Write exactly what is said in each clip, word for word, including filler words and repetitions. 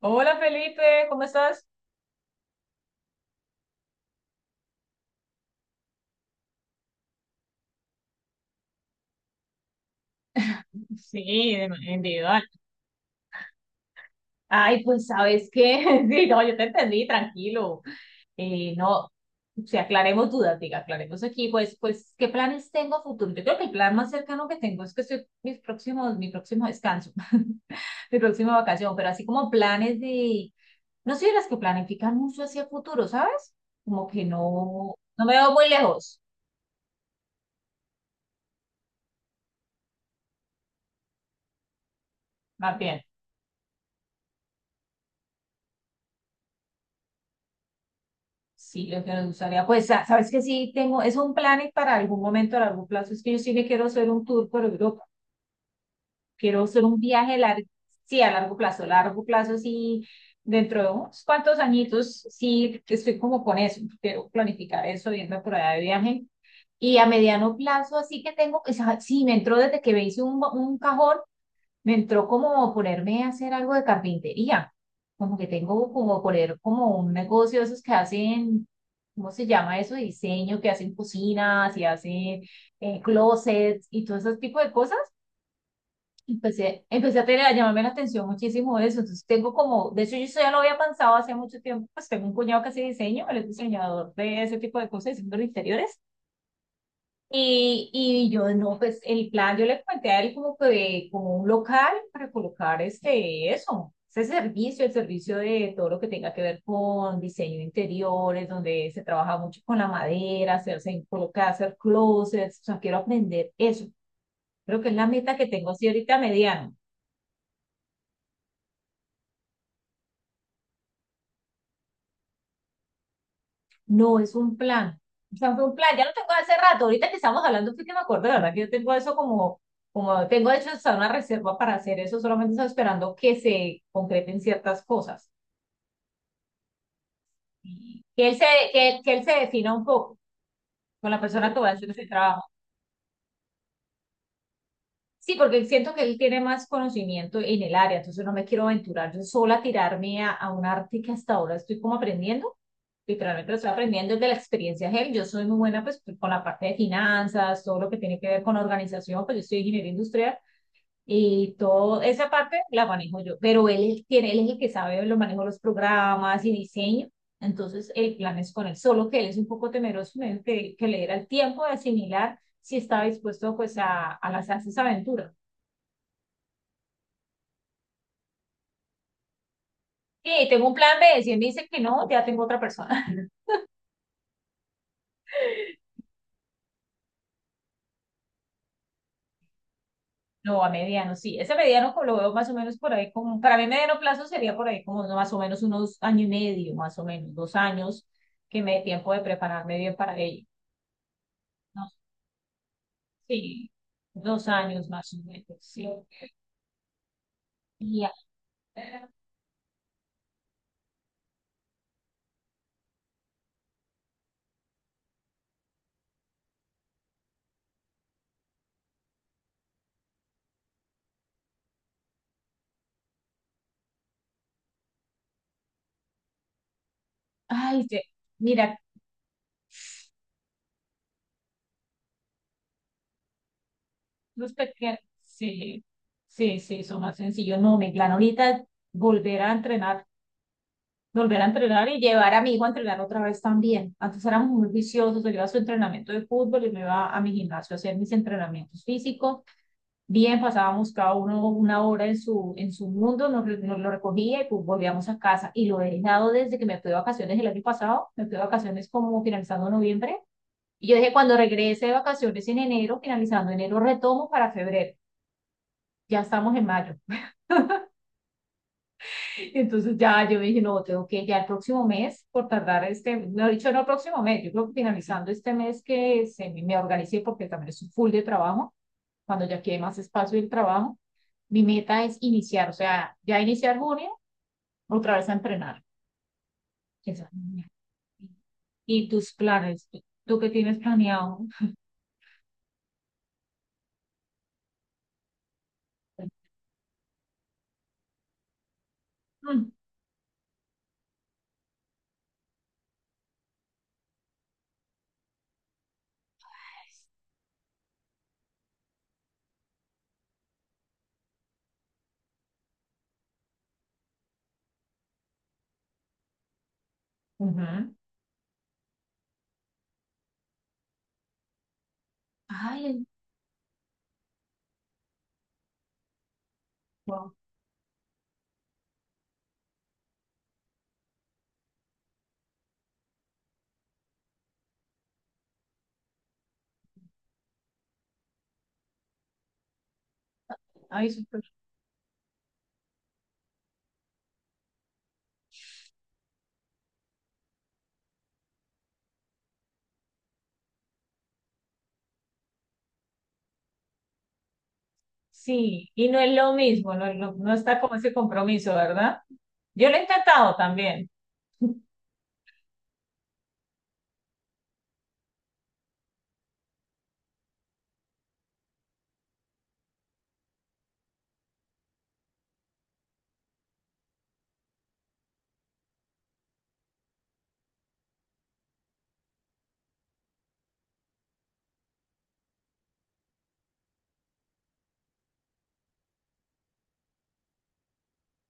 Hola Felipe, ¿cómo estás? Sí, de manera individual. Ay, pues ¿sabes qué? Sí, no, yo te entendí, tranquilo. Eh, no, si aclaremos dudas, diga, aclaremos aquí, pues, pues, ¿qué planes tengo a futuro? Yo creo que el plan más cercano que tengo es que estoy mis próximos, mi próximo descanso, mi próxima vacación, pero así como planes de, no soy de las que planifican mucho hacia futuro, ¿sabes? Como que no, no me veo muy lejos, más bien. Sí, lo que nos gustaría, pues, sa- sabes que sí tengo, es un plan y para algún momento, a largo plazo, es que yo sí me quiero hacer un tour por Europa, quiero hacer un viaje largo, sí, a largo plazo, largo plazo, sí, dentro de unos cuantos añitos, sí, estoy como con eso, quiero planificar eso, irme por allá de viaje, y a mediano plazo, así que tengo, o sea, sí, me entró desde que me hice un, un cajón, me entró como ponerme a hacer algo de carpintería, como que tengo como poner como un negocio de esos que hacen, ¿cómo se llama eso? Diseño, que hacen cocinas y hacen eh, closets y todo ese tipo de cosas. Empecé, empecé a, tener, a llamarme la atención muchísimo eso, entonces tengo como, de hecho yo eso ya lo había pensado hace mucho tiempo, pues tengo un cuñado que hace diseño, él es diseñador de ese tipo de cosas, diseño de interiores. Y, y yo, no, pues el plan, yo le planteé a él como que de- como un local para colocar este, eso, ese servicio, el servicio de todo lo que tenga que ver con diseño de interiores, donde se trabaja mucho con la madera, hacerse, colocar, hacer closets, o sea, quiero aprender eso. Creo que es la meta que tengo así ahorita a mediano. No, es un plan. O sea, fue un plan. Ya lo tengo hace rato. Ahorita que estamos hablando, fue que me acuerdo, la verdad, que yo tengo eso como, como, tengo de hecho hasta una reserva para hacer eso. Solamente estoy esperando que se concreten ciertas cosas. Que él se, que, que él se defina un poco con la persona que va a hacer ese trabajo. Sí, porque siento que él tiene más conocimiento en el área, entonces no me quiero aventurar yo sola a tirarme a, a un arte que hasta ahora estoy como aprendiendo. Literalmente lo estoy aprendiendo desde la experiencia de él. Yo soy muy buena pues con la parte de finanzas, todo lo que tiene que ver con organización, pues yo soy ingeniero industrial y toda esa parte la manejo yo, pero él tiene, él es el que sabe, lo manejo los programas y diseño. Entonces el plan es con él, solo que él es un poco temeroso, me dijo que, que le diera el tiempo de asimilar si estaba dispuesto pues a, a lanzarse esa aventura. Sí, tengo un plan B. Si él me dice que no, ya tengo otra persona. No, a mediano, sí. Ese mediano co- lo veo más o menos por ahí como, para mí mediano plazo sería por ahí como ¿no? más o menos unos año y medio, más o menos, dos años, que me dé tiempo de prepararme bien para ello. No, sí, dos años más o menos, sí. Y, ah, ay, sí, mira, los pequeños, sí, sí, sí, son más sencillos. No, mi plan ahorita es volver a entrenar volver a entrenar y llevar a mi hijo a entrenar otra vez también. Antes éramos muy viciosos, él iba a su entrenamiento de fútbol y me iba a mi gimnasio a hacer mis entrenamientos físicos. Bien, pasábamos cada uno una hora en su, en su mundo, nos, nos lo recogía y pues volvíamos a casa. Y lo he dejado desde que me fui de vacaciones el año pasado, me fui de vacaciones como finalizando noviembre. Y yo dije, cuando regrese de vacaciones en enero, finalizando enero, retomo para febrero. Ya estamos en mayo. Entonces ya yo dije, no, tengo que ya el próximo mes, por tardar este, no he dicho no el próximo mes, yo creo que finalizando este mes que se, me organicé porque también es un full de trabajo, cuando ya quede más espacio del trabajo, mi meta es iniciar, o sea, ya iniciar junio, otra vez a entrenar. Esa es mi meta. ¿Y tus planes? ¿Tú, tú qué tienes planeado? Mm, ujú. Ay, wow. Ay, sí, y no es lo mismo, no, no, no está como ese compromiso, ¿verdad? Yo lo he intentado también.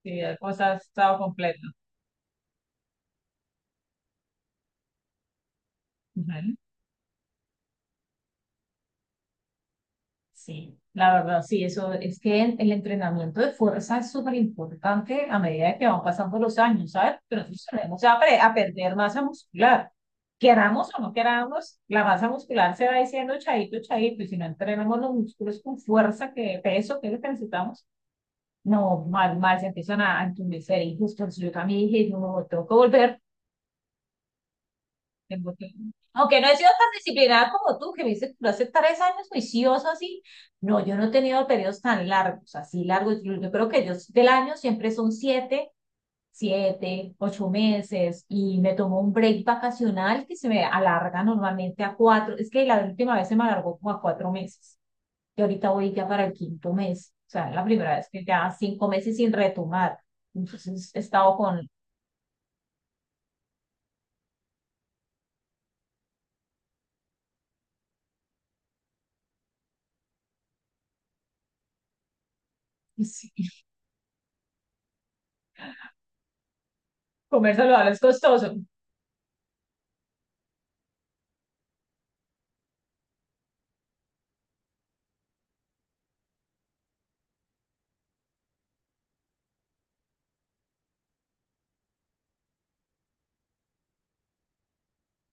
Sí, la cosa ha estado completa. Ujú. Sí, la verdad, sí, eso es que en- el entrenamiento de fuerza es súper importante a medida que van pasando los años, ¿sabes? Pero nosotros tenemos a, pre- a perder masa muscular. Queramos o no queramos, la masa muscular se va diciendo chaito, chaito, y si no entrenamos los músculos con fuerza, que peso que necesitamos, no, más, más se empiezan a a entumecer y justo entonces yo también dije, no, tengo que volver, tengo que... Aunque no he sido tan disciplinada como tú, que me dices, tú hace tres años juicioso así. No, yo no he tenido periodos tan largos, así largos. Yo, yo creo que yo del año siempre son siete, siete, ocho meses y me tomo un break vacacional que se me alarga normalmente a cuatro. Es que la última vez se me alargó como a cuatro meses. Yo ahorita voy ya para el quinto mes, o sea, la primera vez que ya cinco meses sin retomar. Entonces he estado con sí, comer saludable es costoso.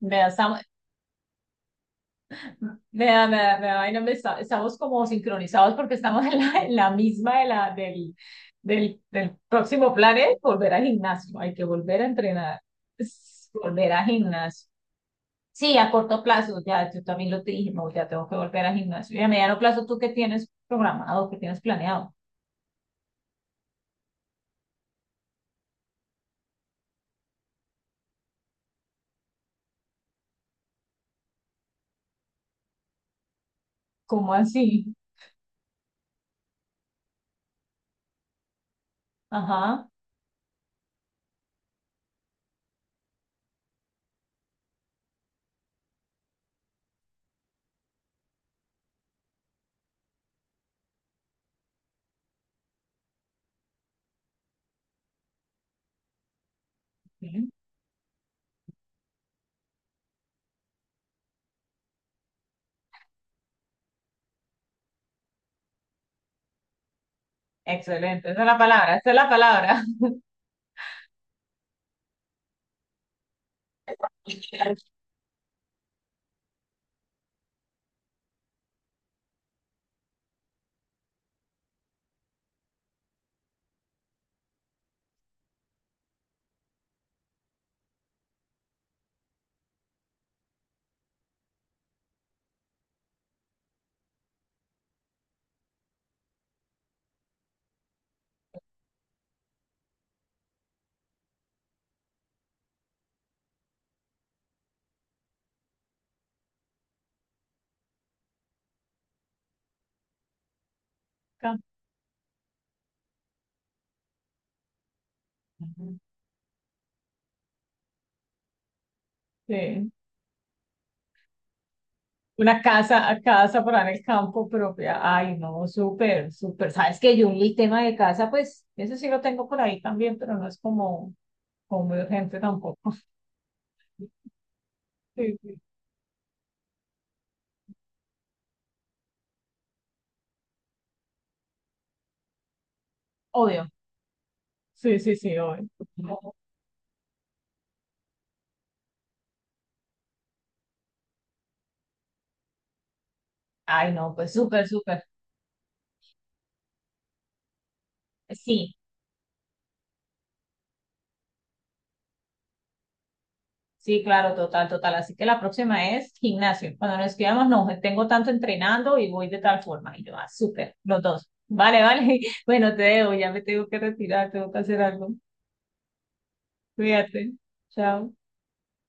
Me da, estamos, me da, me da, me da vaina, me está- estamos como sincronizados porque estamos en la, en la misma de la, del, del, del próximo plan es volver al gimnasio. Hay que volver a entrenar, es volver al gimnasio. Sí, a corto plazo, ya yo también lo te dije, no, ya tengo que volver al gimnasio. Y a mediano plazo, ¿tú qué tienes programado, qué tienes planeado? ¿Cómo así? Ajá. Sí. Excelente. Esa es la palabra. Esa es la palabra. Ca- Sí. Una casa, casa para en el campo propia. Ay, no, súper, súper. Sabes que yo el tema de casa, pues, eso sí lo tengo por ahí también, pero no es como, como muy urgente tampoco. Sí, sí. Obvio. Sí, sí, sí, obvio. Ay, no, pues súper, súper. Sí. Sí, claro, total, total. Así que la próxima es gimnasio. Cuando nos escribamos, no, tengo tanto entrenando y voy de tal forma. Y yo, ah, súper, los dos. Vale, vale. Bueno, te debo, ya me tengo que retirar, tengo que hacer algo. Cuídate. Chao.